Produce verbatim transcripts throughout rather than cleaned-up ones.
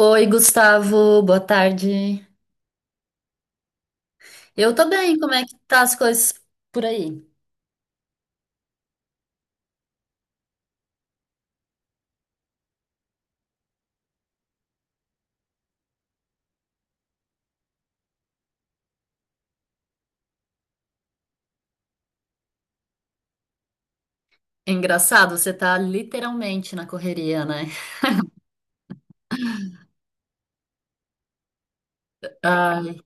Oi, Gustavo, boa tarde. Eu tô bem, como é que tá as coisas por aí? É engraçado, você tá literalmente na correria, né? Ai,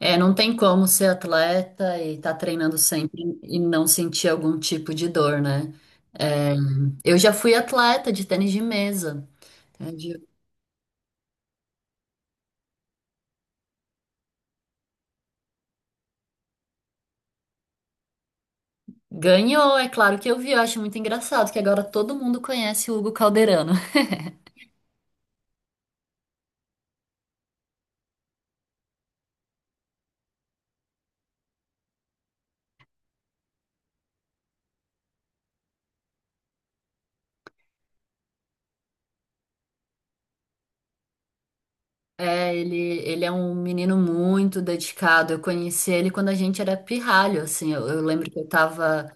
é, não tem como ser atleta e tá treinando sempre e não sentir algum tipo de dor, né? É, eu já fui atleta de tênis de mesa. É, de- Ganhou, é claro que eu vi, eu acho muito engraçado que agora todo mundo conhece o Hugo Calderano. É, ele, ele é um menino muito dedicado. Eu conheci ele quando a gente era pirralho, assim. Eu, eu lembro que eu tava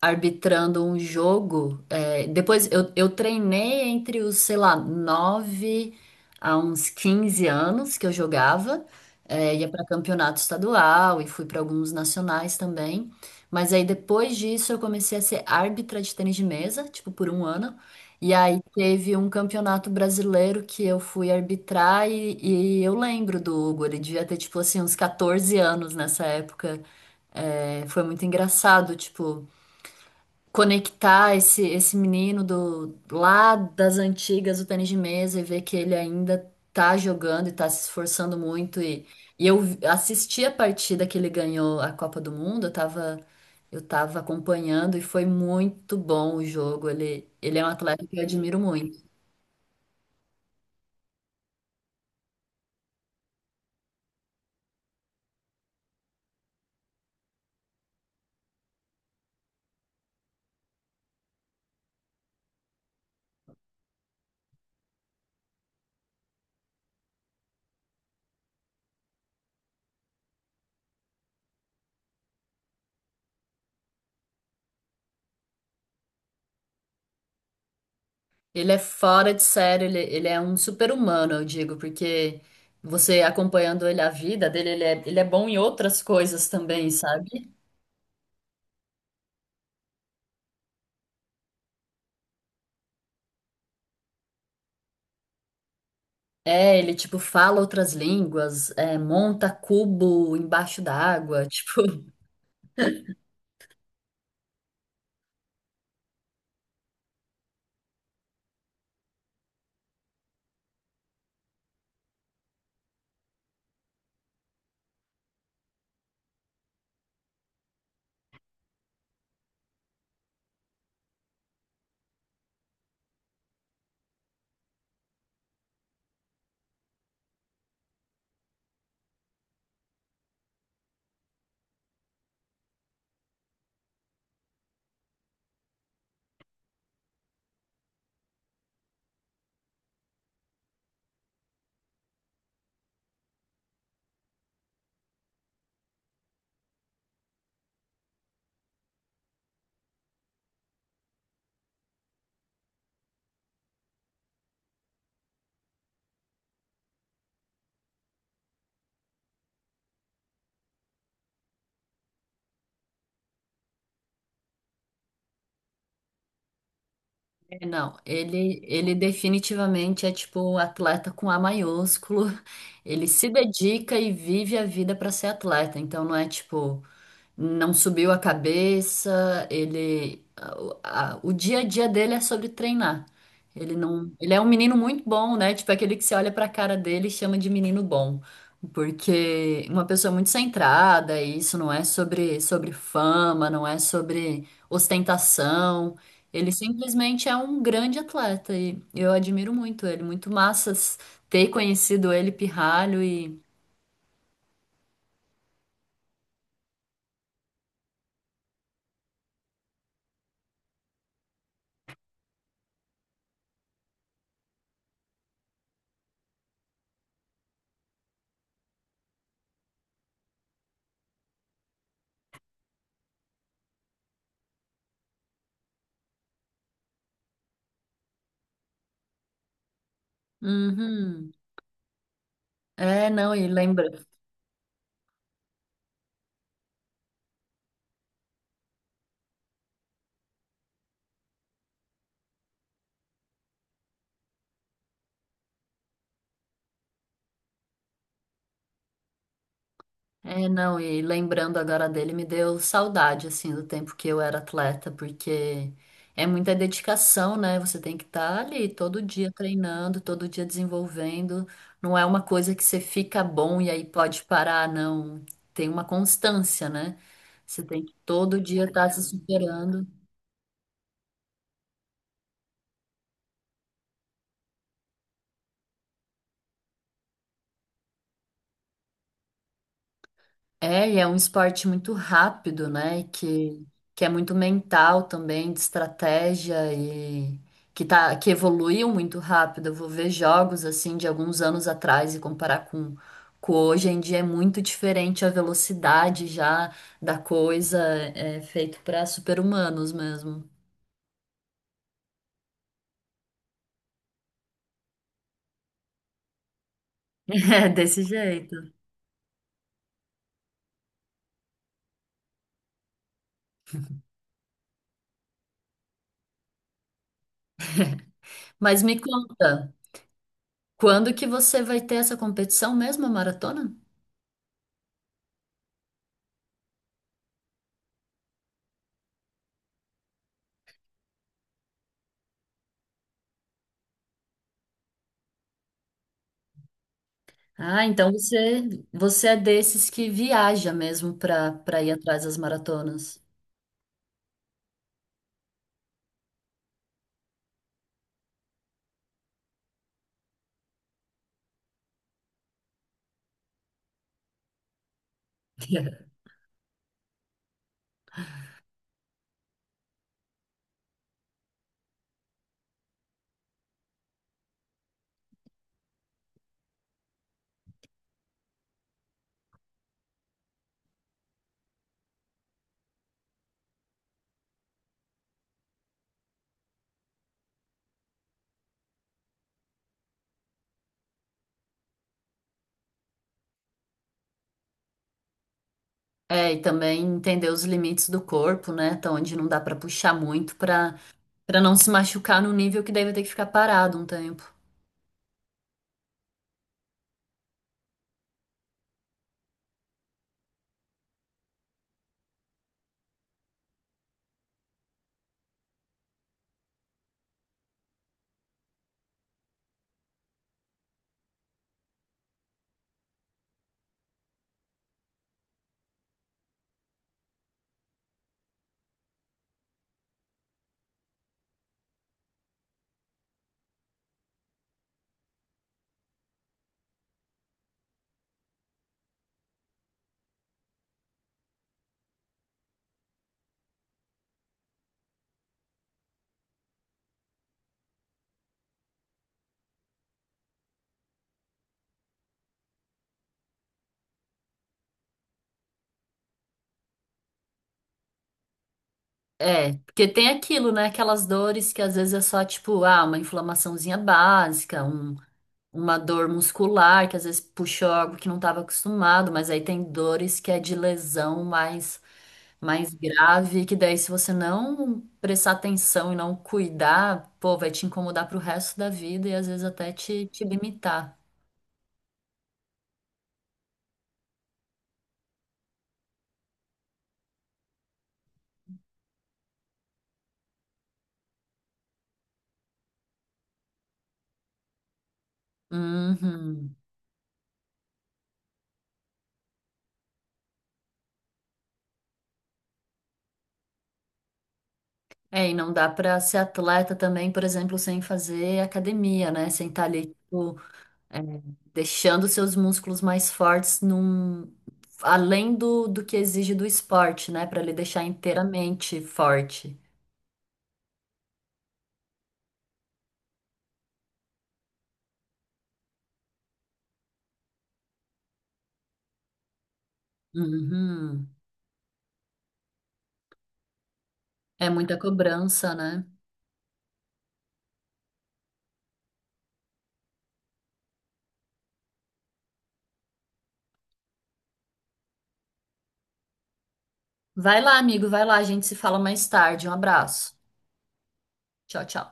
arbitrando um jogo. É, depois eu, eu treinei entre os, sei lá, nove a uns quinze anos que eu jogava. É, ia para campeonato estadual e fui para alguns nacionais também. Mas aí depois disso eu comecei a ser árbitra de tênis de mesa, tipo por um ano. E aí teve um campeonato brasileiro que eu fui arbitrar e, e eu lembro do Hugo, ele devia ter tipo assim uns catorze anos nessa época. É, foi muito engraçado, tipo, conectar esse, esse menino do lá das antigas do tênis de mesa e ver que ele ainda tá jogando e tá se esforçando muito e, e eu vi- assisti a partida que ele ganhou a Copa do Mundo, eu tava eu tava acompanhando e foi muito bom o jogo. Ele ele é um atleta que eu admiro muito. Ele é fora de série, ele, ele é um super-humano, eu digo, porque você acompanhando ele a vida dele, ele é, ele é bom em outras coisas também, sabe? É, ele, tipo, fala outras línguas, é, monta cubo embaixo d'água, tipo... é, Não, ele, ele definitivamente é, tipo, um atleta com A maiúsculo. Ele se dedica e vive a vida para ser atleta. Então, não é, tipo, não subiu a cabeça, ele... a- o a- o dia a dia dele é sobre treinar. Ele não... Ele é um menino muito bom, né? Tipo, aquele que você olha pra cara dele e chama de menino bom. Porque uma pessoa muito centrada, e isso não é sobre, sobre fama, não é sobre ostentação. Ele simplesmente é um grande atleta e eu admiro muito ele. Muito massas ter conhecido ele pirralho e. Uhum. É, não, e lembra. É, não, e lembrando agora dele, me deu saudade, assim, do tempo que eu era atleta, porque é muita dedicação, né? Você tem que estar ali todo dia treinando, todo dia desenvolvendo. Não é uma coisa que você fica bom e aí pode parar, não. Tem uma constância, né? Você tem que todo dia estar se superando. É, e é um esporte muito rápido, né? Que, que é muito mental também, de estratégia e que tá, que evoluiu muito rápido. Eu vou ver jogos assim de alguns anos atrás e comparar com, com hoje em dia é muito diferente a velocidade já da coisa, é feito para super-humanos mesmo. É desse jeito. Mas me conta, quando que você vai ter essa competição mesmo, a maratona? Ah, então você, você é desses que viaja mesmo para para ir atrás das maratonas. É, e também entender os limites do corpo, né? Até onde não dá para puxar muito para para não se machucar no nível que daí vai ter que ficar parado um tempo. É, porque tem aquilo, né? Aquelas dores que às vezes é só tipo, ah, uma inflamaçãozinha básica, um, uma dor muscular que às vezes puxou algo que não estava acostumado, mas aí tem dores que é de lesão mais mais grave, que daí se você não prestar atenção e não cuidar, pô, vai te incomodar pro resto da vida e às vezes até te, te limitar. Uhum. É, e não dá pra ser atleta também, por exemplo, sem fazer academia, né? Sem estar ali, tipo, é, deixando seus músculos mais fortes num... além do, do que exige do esporte, né? Pra ele deixar inteiramente forte. Uhum. É muita cobrança, né? Vai lá, amigo, vai lá, a gente se fala mais tarde. Um abraço. Tchau, tchau.